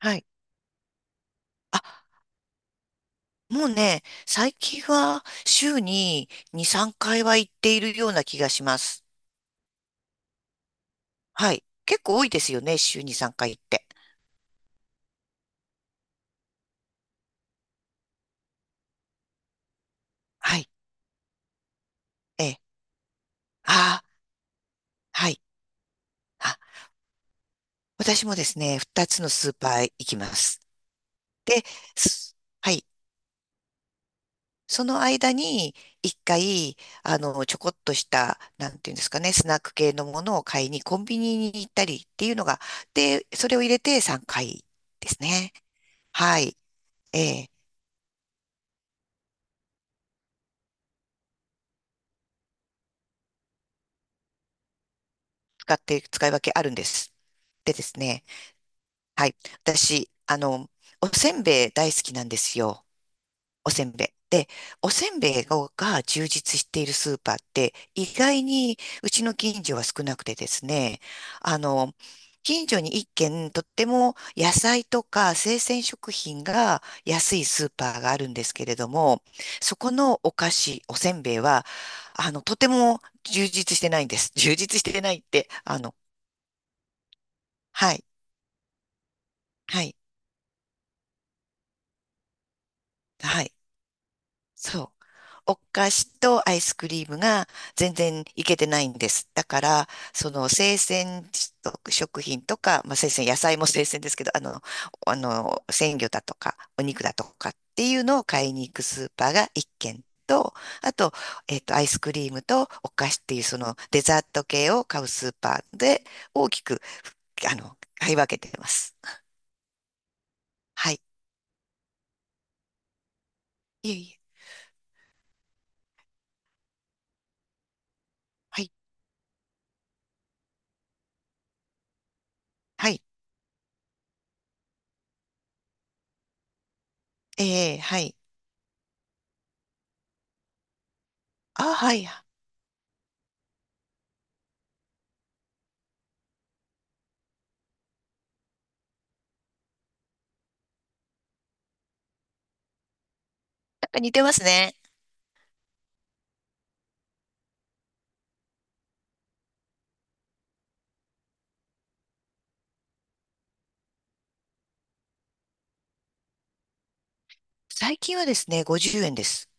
はい。あ、もうね、最近は週に2、3回は行っているような気がします。はい。結構多いですよね、週に3回行って。はい。ええ。ああ、はい。あ、私もですね、2つのスーパーへ行きます。で、すはい。その間に、1回、ちょこっとした、なんていうんですかね、スナック系のものを買いにコンビニに行ったりっていうのが、で、それを入れて3回ですね。はい。ええ、使って、使い分けあるんです。でですね。はい。私、おせんべい大好きなんですよ。おせんべい。で、おせんべいが充実しているスーパーって意外にうちの近所は少なくてですね、あの、近所に一軒とっても野菜とか生鮮食品が安いスーパーがあるんですけれども、そこのお菓子、おせんべいは、とても充実してないんです。充実してないって、はい、はい、はい。そう。お菓子とアイスクリームが全然いけてないんです。だから、その生鮮食品とか、まあ、生鮮、野菜も生鮮ですけど、鮮魚だとか、お肉だとかっていうのを買いに行くスーパーが一軒と、あと、アイスクリームとお菓子っていうそのデザート系を買うスーパーで大きく、買い分けてます。はい。いえいえ。はい。はい。ええ、はい。あ、はい。なんか似てますね。最近はですね、50円です。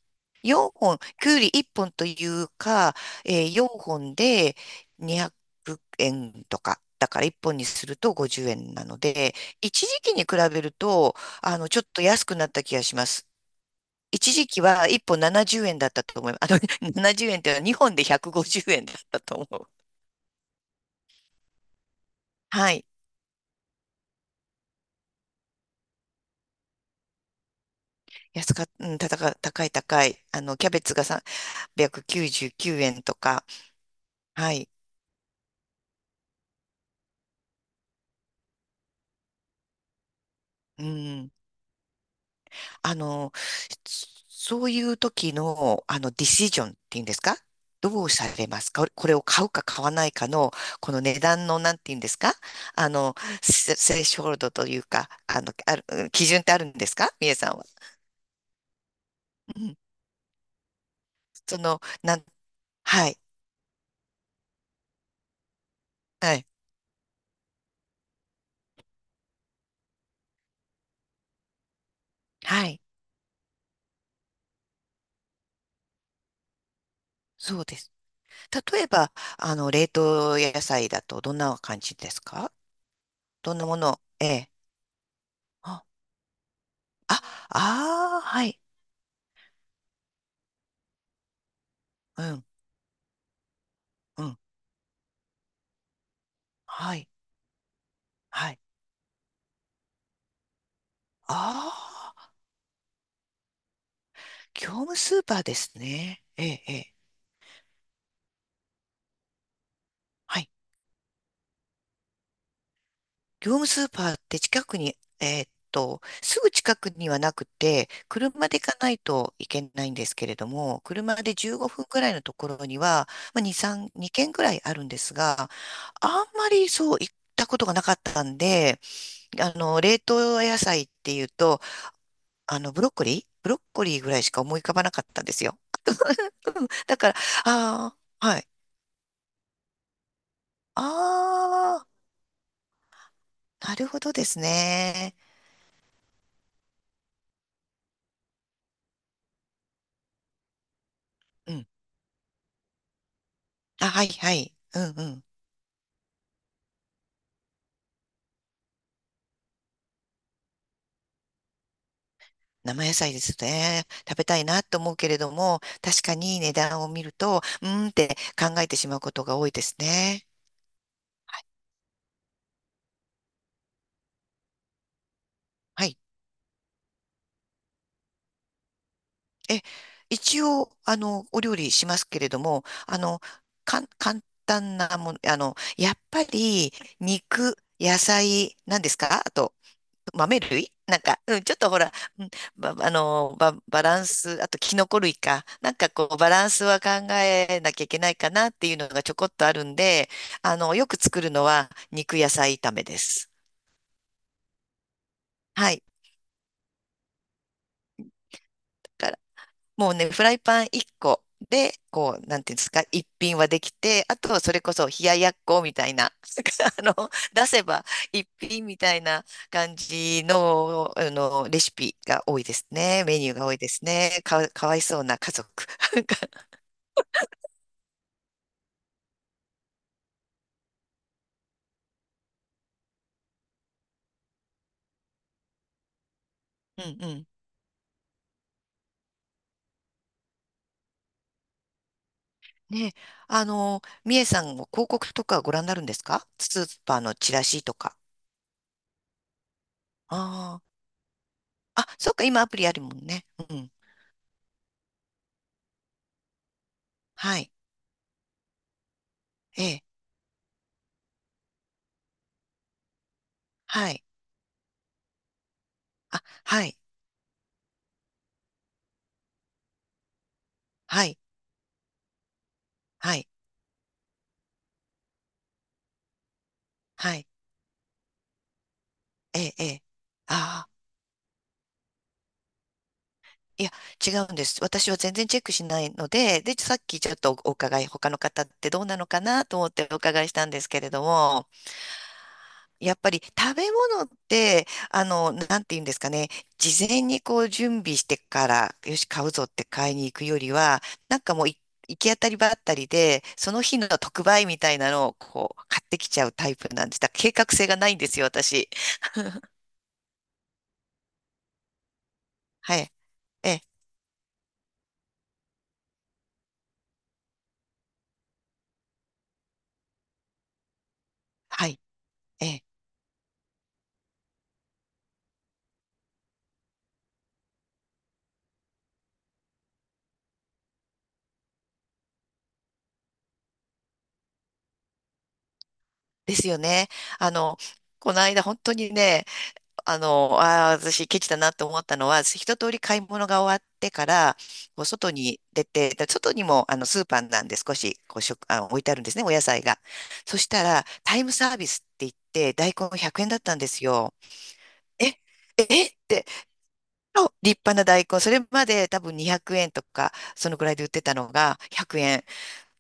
4本、きゅうり1本というか、4本で200円とか。だから1本にすると50円なので、一時期に比べると、ちょっと安くなった気がします。一時期は1本70円だったと思います。あの、70円っていうのは2本で150円だったと思う。はい。安か、うん、たたか、高い高い。あの、キャベツが399円とか。はい。うん。あの、そういう時の、ディシジョンっていうんですか？どうされますか？これを買うか買わないかの、この値段の、なんていうんですか？あの、セセレショールドというか、あの、ある、基準ってあるんですか、みえさんは？うん。その、なん、はい、はい、はい。そうです。例えば、冷凍野菜だとどんな感じですか？どんなもの？ええ。あああー、はい。うん、うん、はい、はい。ああ。業務スーパーですね。ええ、ええ。はい。業務スーパーって近くに、すぐ近くにはなくて、車で行かないといけないんですけれども、車で15分くらいのところには、まあ、2、3、2軒くらいあるんですが、あんまりそう行ったことがなかったんで、冷凍野菜っていうと、ブロッコリーぐらいしか思い浮かばなかったんですよ。うんだから、ああ、はい。ああ、なるほどですね。うん。あ、はいはい。うんうん。生野菜ですね。食べたいなと思うけれども、確かに値段を見ると、うーんって考えてしまうことが多いですね。はい。はい。え、一応、お料理しますけれども、簡単なもの、やっぱり、肉、野菜、何ですか？あと、豆類なんか、うん、ちょっとほら、うんば、あの、ば、バランス、あとキノコ類か。なんかこう、バランスは考えなきゃいけないかなっていうのがちょこっとあるんで、よく作るのは肉野菜炒めです。はい。だもうね、フライパン1個で、こう、なんていうんですか、一品はできて、あとはそれこそ冷ややっこみたいな、出せば一品みたいな感じの、レシピが多いですね。メニューが多いですね。かわいそうな家族。うんうん。ね、みえさんも広告とかご覧になるんですか、スーパーのチラシとか？ああ。あ、そっか、今アプリあるもんね。うん。はい。ええ。はい。あ、はい。はい。はい。はい。ええ、ええ。ああ、いや、違うんです。私は全然チェックしないので、で、さっきちょっとお伺い、他の方ってどうなのかなと思ってお伺いしたんですけれども、やっぱり食べ物って、なんて言うんですかね、事前にこう準備してから、よし、買うぞって買いに行くよりは、なんかもうい行き当たりばったりで、その日の特売みたいなのをこう買ってきちゃうタイプなんです。だから計画性がないんですよ、私。はい。ええ、はい。ええ、ですよね。あの、この間本当にね、ああ、私ケチだなって思ったのは、一通り買い物が終わってから、こう外に出て、で外にもあのスーパーなんで少しこうあ、置いてあるんですね、お野菜が。そしたら、タイムサービスって言って、大根100円だったんですよ。え、えって、あ、立派な大根、それまで多分200円とか、そのくらいで売ってたのが100円。で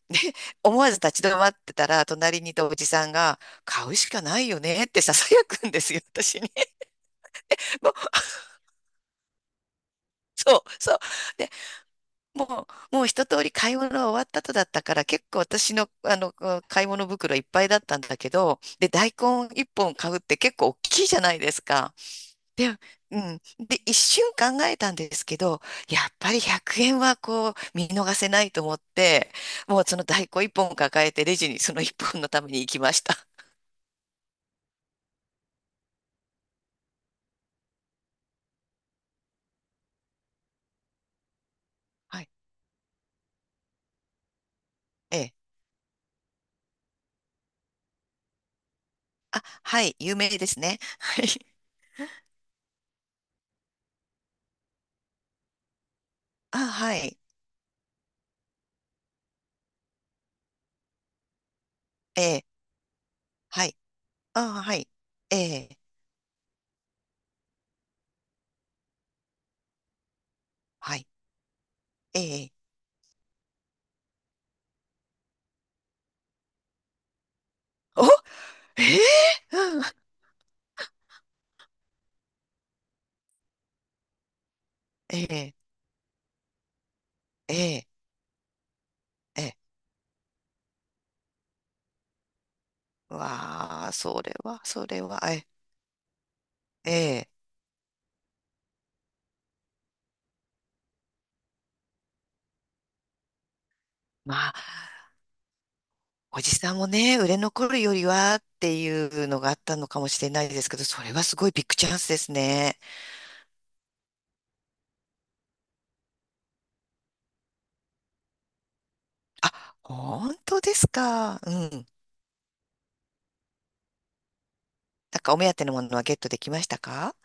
思わず立ち止まってたら、隣にいたおじさんが、買うしかないよねって ささやくんですよ、私に。もうそう、そう。で、もう一通り買い物終わった後だったから、結構私の、買い物袋いっぱいだったんだけど、で、大根一本買うって結構大きいじゃないですか。で、うん。で、一瞬考えたんですけど、やっぱり100円はこう、見逃せないと思って、もうその大根一本抱えて、レジにその一本のために行きました。はい。ええ、あ、はい、有名ですね。はい。あ、はい。ええ、はい。あ、はい。ええ、はい。ええ、お、ええ、うん。ええ、ええ、ええ。うわあ、それは、それは、ええ、ええ。まあ、おじさんもね、売れ残るよりはっていうのがあったのかもしれないですけど、それはすごいビッグチャンスですね。本当ですか？うん。なんかお目当てのものはゲットできましたか？